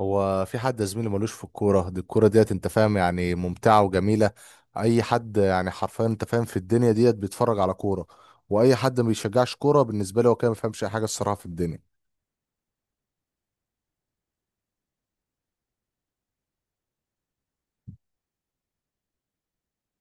هو في حد يا زميلي ملوش في الكورة دي؟ الكورة ديت انت فاهم يعني ممتعة وجميلة. اي حد يعني حرفيا انت فاهم في الدنيا ديت بيتفرج على كورة. واي حد ما بيشجعش كورة بالنسبة لي هو كده ما بيفهمش اي حاجة الصراحة في الدنيا.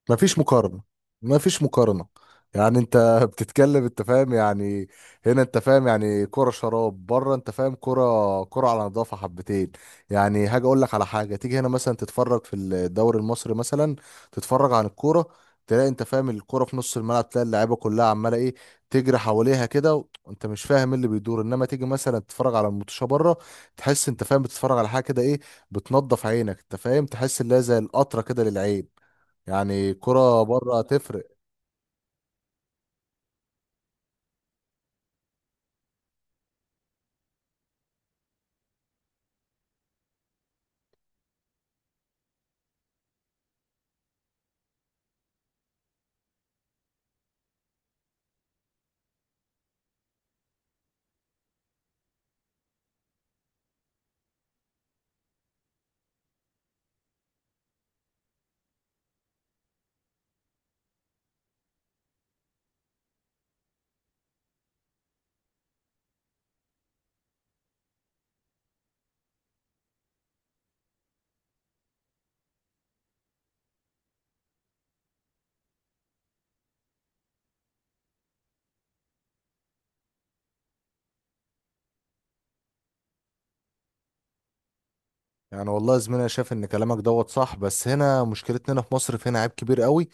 ما فيش مقارنة. ما فيش مقارنة. يعني انت بتتكلم انت فاهم يعني. هنا انت فاهم يعني كرة شراب، بره انت فاهم كرة، كرة على نظافة حبتين. يعني هاجي اقول لك على حاجة، تيجي هنا مثلا تتفرج في الدوري المصري مثلا، تتفرج عن الكورة، تلاقي انت فاهم الكرة في نص الملعب، تلاقي اللعيبة كلها عمالة ايه، تجري حواليها كده وانت مش فاهم ايه اللي بيدور. انما تيجي مثلا تتفرج على الماتشة بره، تحس انت فاهم بتتفرج على حاجة كده ايه، بتنضف عينك انت فاهم، تحس اللي هي زي القطرة كده للعين. يعني كرة بره تفرق. يعني والله يا زميلي انا شايف ان كلامك دوت صح، بس هنا مشكلتنا هنا في مصر فينا عيب كبير قوي.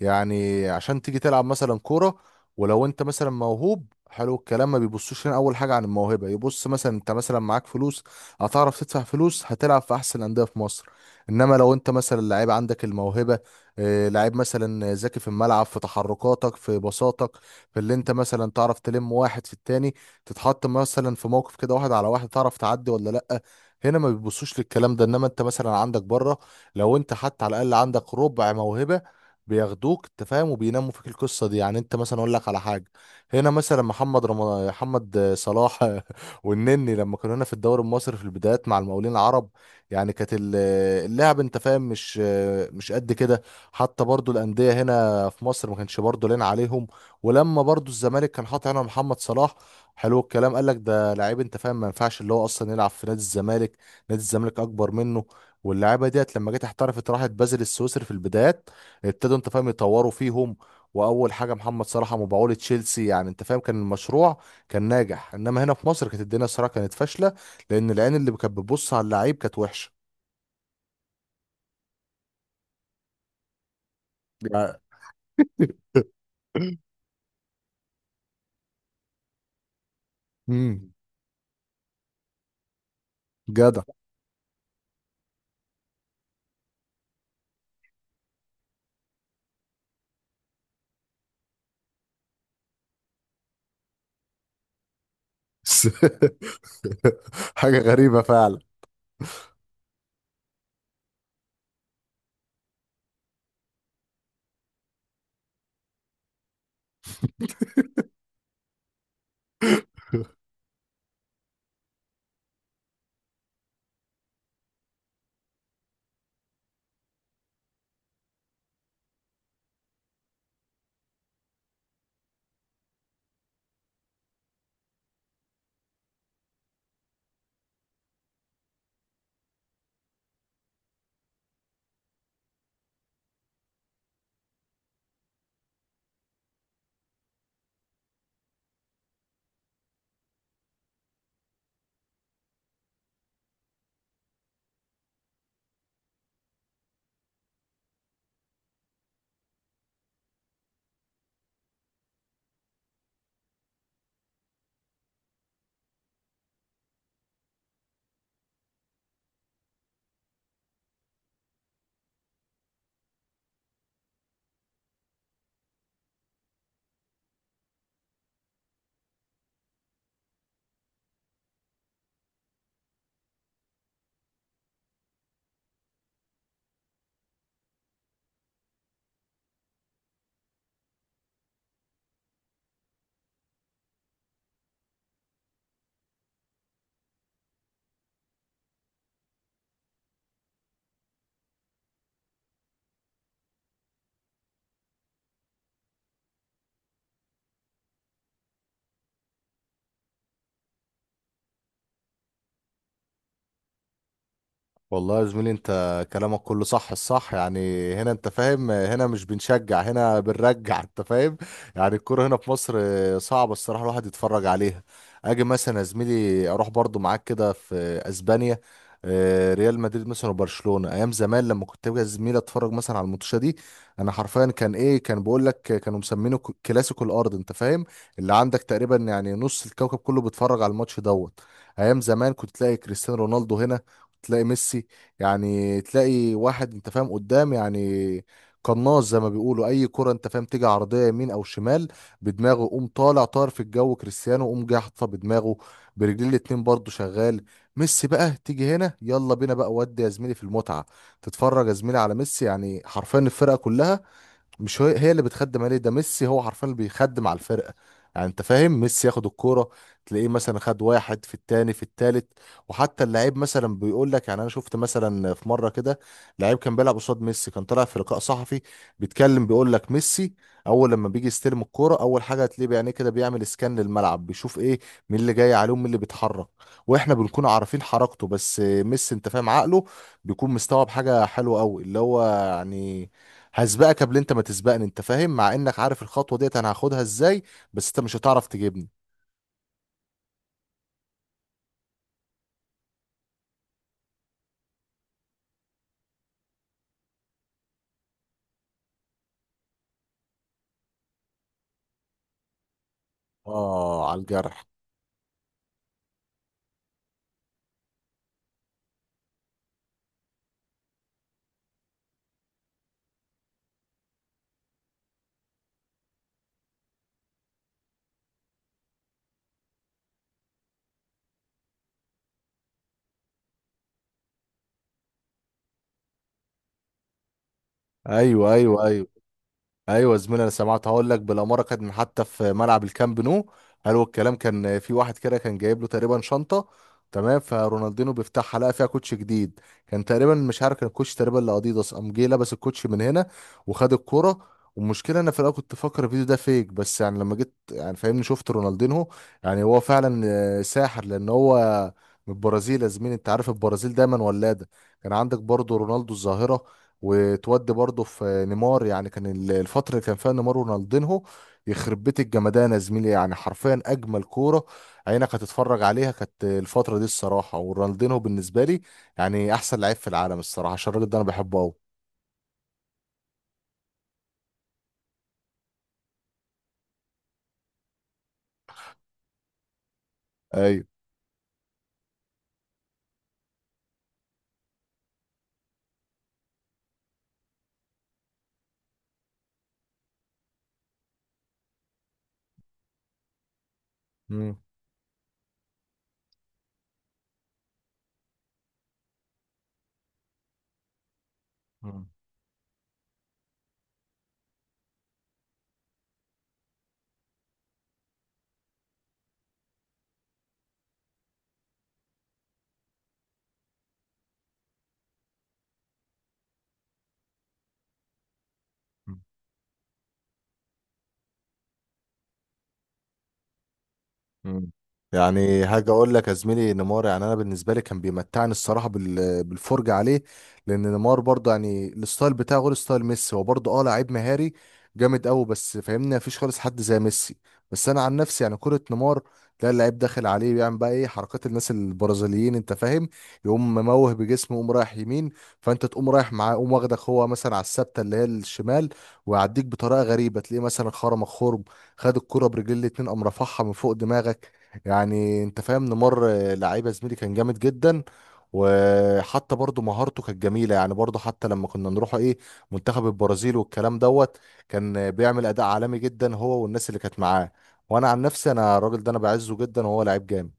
يعني عشان تيجي تلعب مثلا كوره ولو انت مثلا موهوب حلو الكلام، ما بيبصوش هنا اول حاجه عن الموهبه. يبص مثلا انت مثلا معاك فلوس، هتعرف تدفع فلوس، هتلعب في احسن الانديه في مصر. انما لو انت مثلا لعيب عندك الموهبه، لعيب مثلا ذكي في الملعب، في تحركاتك، في بساطك، في اللي انت مثلا تعرف تلم واحد في التاني، تتحط مثلا في موقف كده واحد على واحد تعرف تعدي ولا لا، هنا ما بيبصوش للكلام ده. انما انت مثلا عندك بره، لو انت حتى على الاقل عندك ربع موهبه، بياخدوك انت فاهم وبيناموا فيك القصه دي. يعني انت مثلا اقول لك على حاجه، هنا مثلا محمد رمضان، محمد صلاح والنني، لما كانوا هنا في الدوري المصري في البدايات مع المقاولين العرب، يعني كانت اللعب انت فاهم مش، مش قد كده. حتى برضو الانديه هنا في مصر ما كانش برضو لنا عليهم. ولما برضو الزمالك كان حاطط هنا محمد صلاح، حلو الكلام قال لك ده لعيب انت فاهم ما ينفعش اللي هو اصلا يلعب في نادي الزمالك، نادي الزمالك اكبر منه. واللعيبه ديت لما جت احترفت، راحت بازل السويسري في البدايات، ابتدوا انت فاهم يطوروا فيهم، واول حاجه محمد صلاح مبيعوه لتشيلسي. يعني انت فاهم كان المشروع كان ناجح، انما هنا في مصر كانت الدنيا الصراحه كانت فاشله، لان العين اللي كانت بتبص على اللعيب كانت وحشه. يعني امم جدع. حاجه غريبه فعلا. والله يا زميلي انت كلامك كله صح، الصح يعني هنا انت فاهم، هنا مش بنشجع، هنا بنرجع انت فاهم. يعني الكوره هنا في مصر صعبة الصراحة الواحد يتفرج عليها. اجي مثلا يا زميلي اروح برضو معاك كده في اسبانيا، اه، ريال مدريد مثلا وبرشلونة، ايام زمان لما كنت باجي يا زميلي اتفرج مثلا على الماتشات دي، انا حرفيا كان ايه كان بقول لك كانوا مسمينه كلاسيكو الارض انت فاهم، اللي عندك تقريبا يعني نص الكوكب كله بيتفرج على الماتش دوت. ايام زمان كنت تلاقي كريستيانو رونالدو هنا، تلاقي ميسي، يعني تلاقي واحد انت فاهم قدام، يعني قناص زي ما بيقولوا، اي كرة انت فاهم تيجي عرضية يمين او شمال بدماغه يقوم طالع طار في الجو كريستيانو يقوم جاي حاططها بدماغه، برجلين الاتنين برضه شغال. ميسي بقى تيجي هنا يلا بينا بقى، ودي يا زميلي في المتعة. تتفرج يا زميلي على ميسي يعني حرفيا الفرقة كلها مش هي اللي بتخدم عليه، ده ميسي هو حرفيا اللي بيخدم على الفرقه. يعني انت فاهم ميسي ياخد الكوره، تلاقيه مثلا خد واحد في التاني في التالت. وحتى اللعيب مثلا بيقول لك، يعني انا شفت مثلا في مره كده لعيب كان بيلعب قصاد ميسي، كان طالع في لقاء صحفي بيتكلم، بيقول لك ميسي اول لما بيجي يستلم الكوره اول حاجه هتلاقيه بعينيه كده بيعمل اسكان للملعب، بيشوف ايه، مين اللي جاي عليهم، مين اللي بيتحرك. واحنا بنكون عارفين حركته، بس ميسي انت فاهم عقله بيكون مستوعب حاجه حلوه قوي، اللي هو يعني هسبقك قبل انت ما تسبقني انت فاهم، مع انك عارف الخطوه ديت انا هاخدها ازاي، بس انت مش هتعرف تجيبني. اه، على الجرح. ايوه، ايوه، ايوه. ايوه يا زميلي انا سمعت، هقول لك بالاماره كانت من حتى في ملعب الكامب نو. قالوا الكلام كان في واحد كده كان جايب له تقريبا شنطه، تمام، فرونالدينو بيفتحها لقى فيها كوتش جديد. كان تقريبا مش عارف كان الكوتش تقريبا لاديداس، قام جه لبس الكوتش من هنا وخد الكوره. والمشكله انا في الاول كنت فاكر الفيديو ده فيك، بس يعني لما جيت يعني فاهمني شفت رونالدينو، يعني هو فعلا ساحر، لان هو من البرازيل يا زميلي، انت عارف البرازيل دايما ولاده. كان عندك برضه رونالدو الظاهره، وتودي برضه في نيمار. يعني كان الفترة اللي كان فيها نيمار ورونالدينهو، يخرب بيت الجمدان يا زميلي، يعني حرفيا أجمل كورة عينك هتتفرج عليها كانت الفترة دي الصراحة. ورونالدينهو بالنسبة لي يعني أحسن لعيب في العالم الصراحة، عشان الراجل ده أنا بحبه أوي. أيوه. مم. مم. مم. يعني هاجي اقول لك يا زميلي نيمار يعني انا بالنسبه لي كان بيمتعني الصراحه بالفرجه عليه، لان نيمار برضه يعني الستايل بتاعه غير ستايل ميسي، هو برضه اه لعيب مهاري جامد قوي، بس فاهمني مفيش خالص حد زي ميسي. بس انا عن نفسي يعني كره نيمار، تلاقي اللعيب داخل عليه بيعمل بقى ايه حركات الناس البرازيليين انت فاهم، يقوم مموه بجسمه يقوم رايح يمين فانت تقوم رايح معاه، يقوم واخدك هو مثلا على الثابته اللي هي الشمال، ويعديك بطريقه غريبه. تلاقيه مثلا خرمك خرم، خد الكرة برجل الاتنين قام رفعها من فوق دماغك. يعني انت فاهم نمر لعيبة زميلي كان جامد جدا. وحتى برضو مهارته كانت جميلة، يعني برضو حتى لما كنا نروح ايه منتخب البرازيل والكلام دوت، كان بيعمل أداء عالمي جدا هو والناس اللي كانت معاه. وانا عن نفسي انا الراجل ده انا بعزه جدا، وهو لعيب جامد.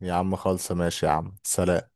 يا عم خالصة، ماشي يا عم، سلام.